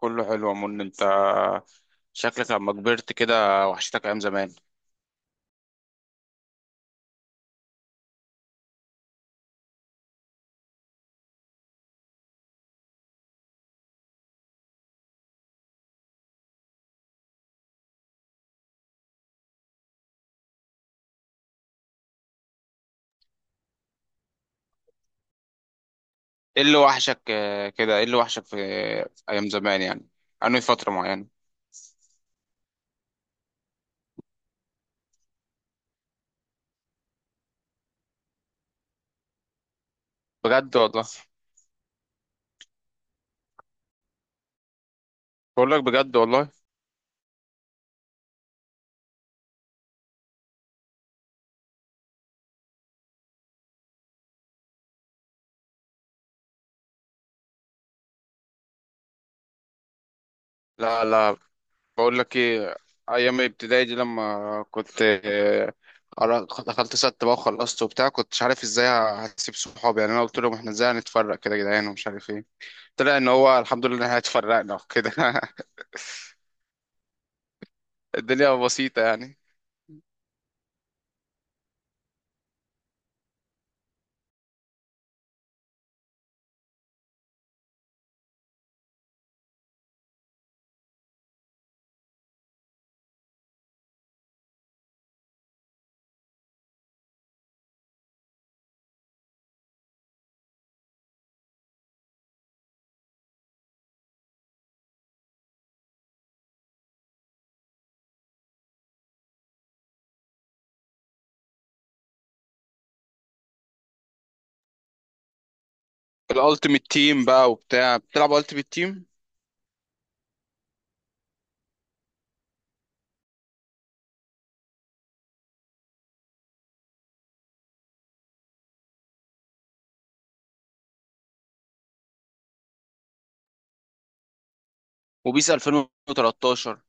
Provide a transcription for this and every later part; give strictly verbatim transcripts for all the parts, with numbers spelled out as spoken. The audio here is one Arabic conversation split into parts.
كله حلو يا من انت، شكلك لما كبرت كده. وحشتك ايام زمان. ايه اللي وحشك آه، كده ايه اللي وحشك في ايام زمان يعني؟ انهي فترة معينة؟ بجد والله. بقول لك بجد والله. لا لا بقول لك ايه. ايام الابتدائي دي لما كنت آه، قرا- دخلت ست بقى وخلصت وبتاع، كنتش عارف ازاي هسيب صحابي يعني. انا قلت لهم احنا ازاي هنتفرق كده يا جدعان ومش عارف ايه. طلع ان هو الحمد لله ان احنا اتفرقنا وكده الدنيا بسيطة يعني. الالتيميت تيم بقى وبتاع، بتلعب التيميت تيم وبيس الفين وتلتاشر.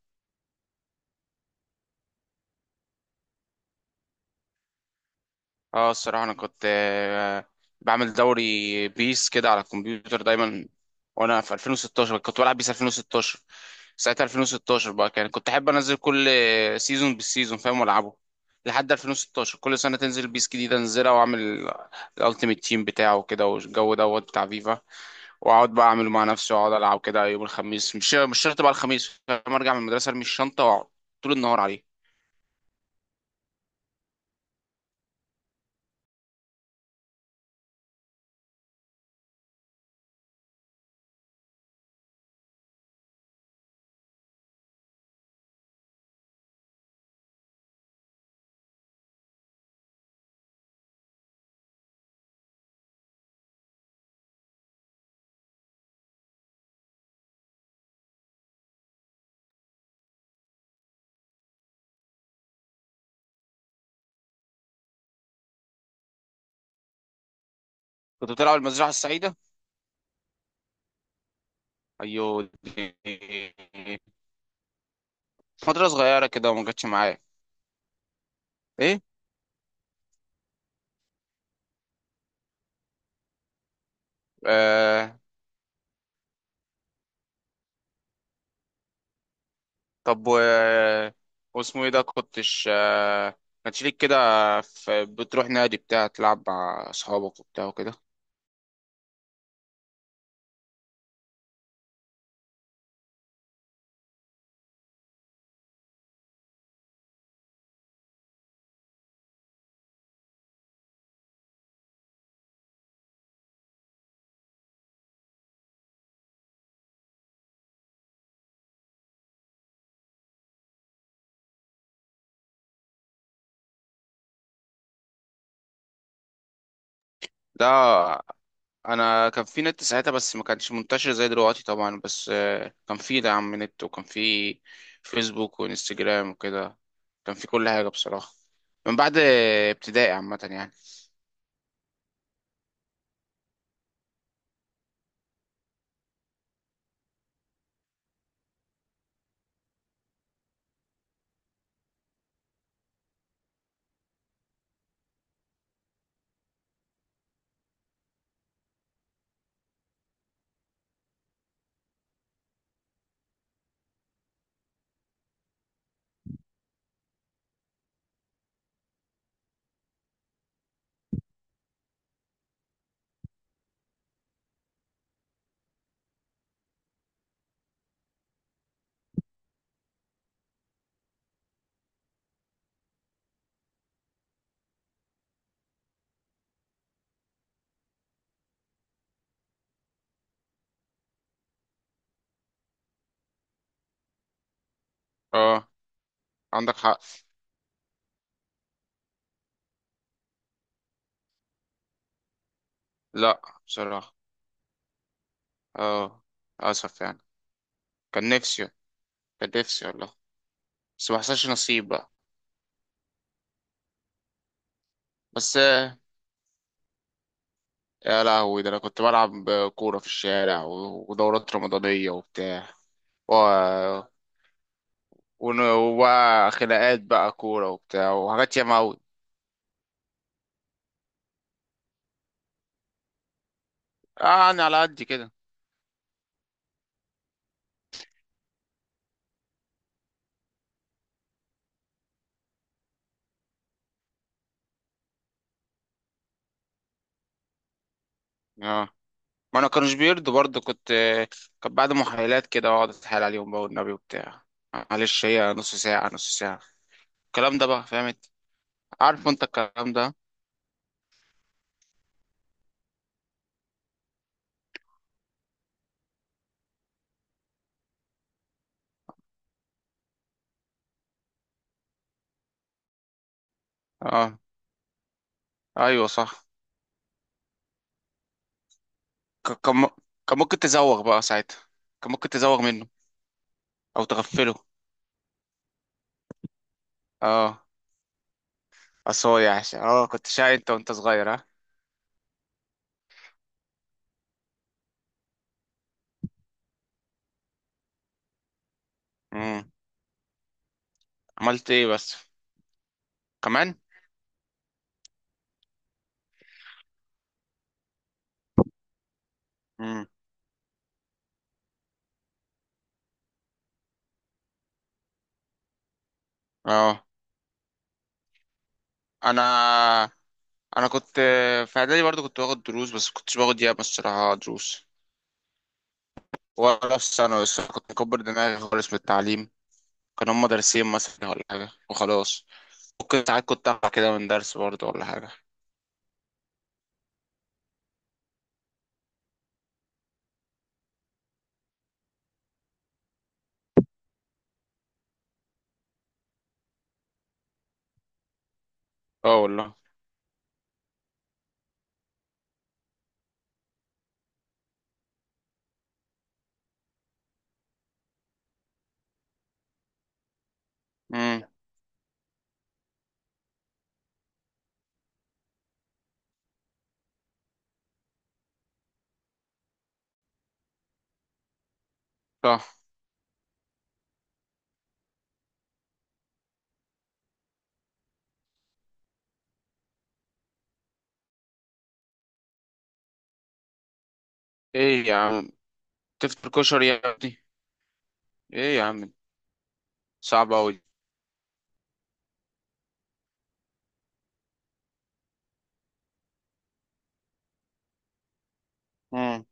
اه الصراحه انا كنت آه، بعمل دوري بيس كده على الكمبيوتر دايما. وانا في الفين وستة عشر كنت بلعب بيس الفين وستاشر. ساعتها الفين وستاشر بقى كان كنت احب انزل كل سيزون بالسيزون فاهم والعبه. لحد الفين وستاشر كل سنه تنزل بيس جديده انزلها واعمل الالتيميت تيم بتاعه كده والجو دوت بتاع فيفا. واقعد بقى اعمله مع نفسي واقعد العب كده يوم الخميس. مش مش شرط بقى الخميس، لما ارجع من المدرسه ارمي الشنطه واقعد طول النهار عليه. كنت بتلعب المزرعه السعيده؟ ايوه دي فتره صغيره كده وما جاتش معايا. ايه؟ آه. طب و واسمه ايه ده، كنتش آه كانش ليك كده في- بتروح نادي بتاع تلعب مع اصحابك وبتاع وكده؟ ده انا كان في نت ساعتها بس ما كانش منتشر زي دلوقتي طبعا، بس آه، كان في دعم من نت، وكان في فيسبوك وانستجرام وكده. كان في كل حاجة بصراحة من بعد آه، ابتدائي عامة يعني. اه عندك حق. لا بصراحة. اه اسف يعني. كان نفسي، كان نفسي والله، بس ما حصلش نصيب بقى. بس آه، يا لهوي ده انا كنت بلعب كورة في الشارع، و- ودورات رمضانية وبتاع، و... ون- وبقى خناقات بقى كورة وبتاع وحاجات ياما أوي. اه يعني على قد كده. اه ما انا كانوش بيرضوا برضه، كنت كان بعد محايلات كده اقعد اتحايل عليهم بقى والنبي وبتاع. آه، معلش هي نص ساعة نص ساعة، الكلام ده بقى فهمت، عارف انت الكلام ده. اه ايوه صح. ك- كان م- كان ممكن تزوغ بقى ساعتها، كان ممكن تزوغ منه او تغفله. اه اصل هو يعني، اه كنت شقي انت وانت صغير، ها؟ امم. عملت ايه بس؟ كمان؟ امم. اه انا انا كنت في اعدادي برضه كنت باخد دروس، بس كنتش باخد ياما الصراحة دروس، ولا في ثانوي. بس كنت مكبر دماغي خالص من التعليم. كان هما درسين مثلا ولا حاجة وخلاص. ممكن ساعات كنت أقع كده من درس برضه ولا حاجة. اه والله. امم. صح. ايه يا عم، تفطر كشري يا ابني؟ ايه يا عم. صعب أوي. امم.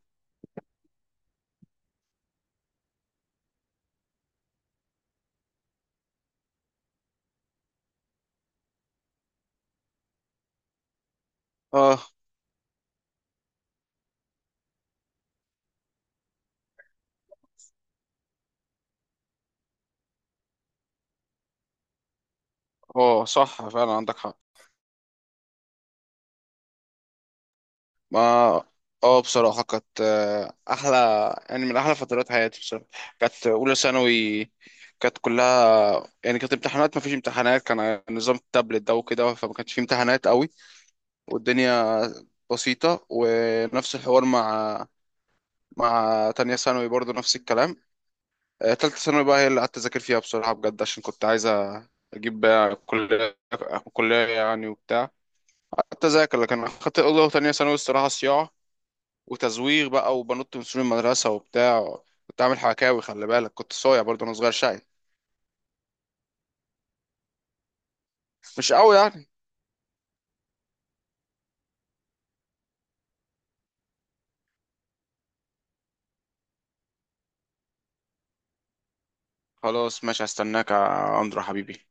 اه اه صح فعلا عندك حق. ما اه بصراحة كانت آه، أحلى، يعني من أحلى فترات حياتي بصراحة. كانت أولى ثانوي كانت كلها يعني، كانت امتحانات ما فيش امتحانات، كان نظام التابلت ده وكده، فما كانش فيه امتحانات قوي. والدنيا بسيطة. ونفس الحوار مع مع تانية ثانوي برضو نفس الكلام. آه، تالتة ثانوي بقى هي اللي قعدت أذاكر فيها بصراحة بجد، عشان كنت عايز أجيب بقى كلية، كلية يعني وبتاع. قعدت أذاكر، لكن أخدت أولى وتانية ثانوي الصراحة صياعة وتزويغ بقى وبنط من سور المدرسة وبتاع. كنت عامل حكاوي، خلي بالك كنت صايع برضو أنا صغير، شقي مش قوي يعني. خلاص ماشي، هستناك يا أندرو حبيبي.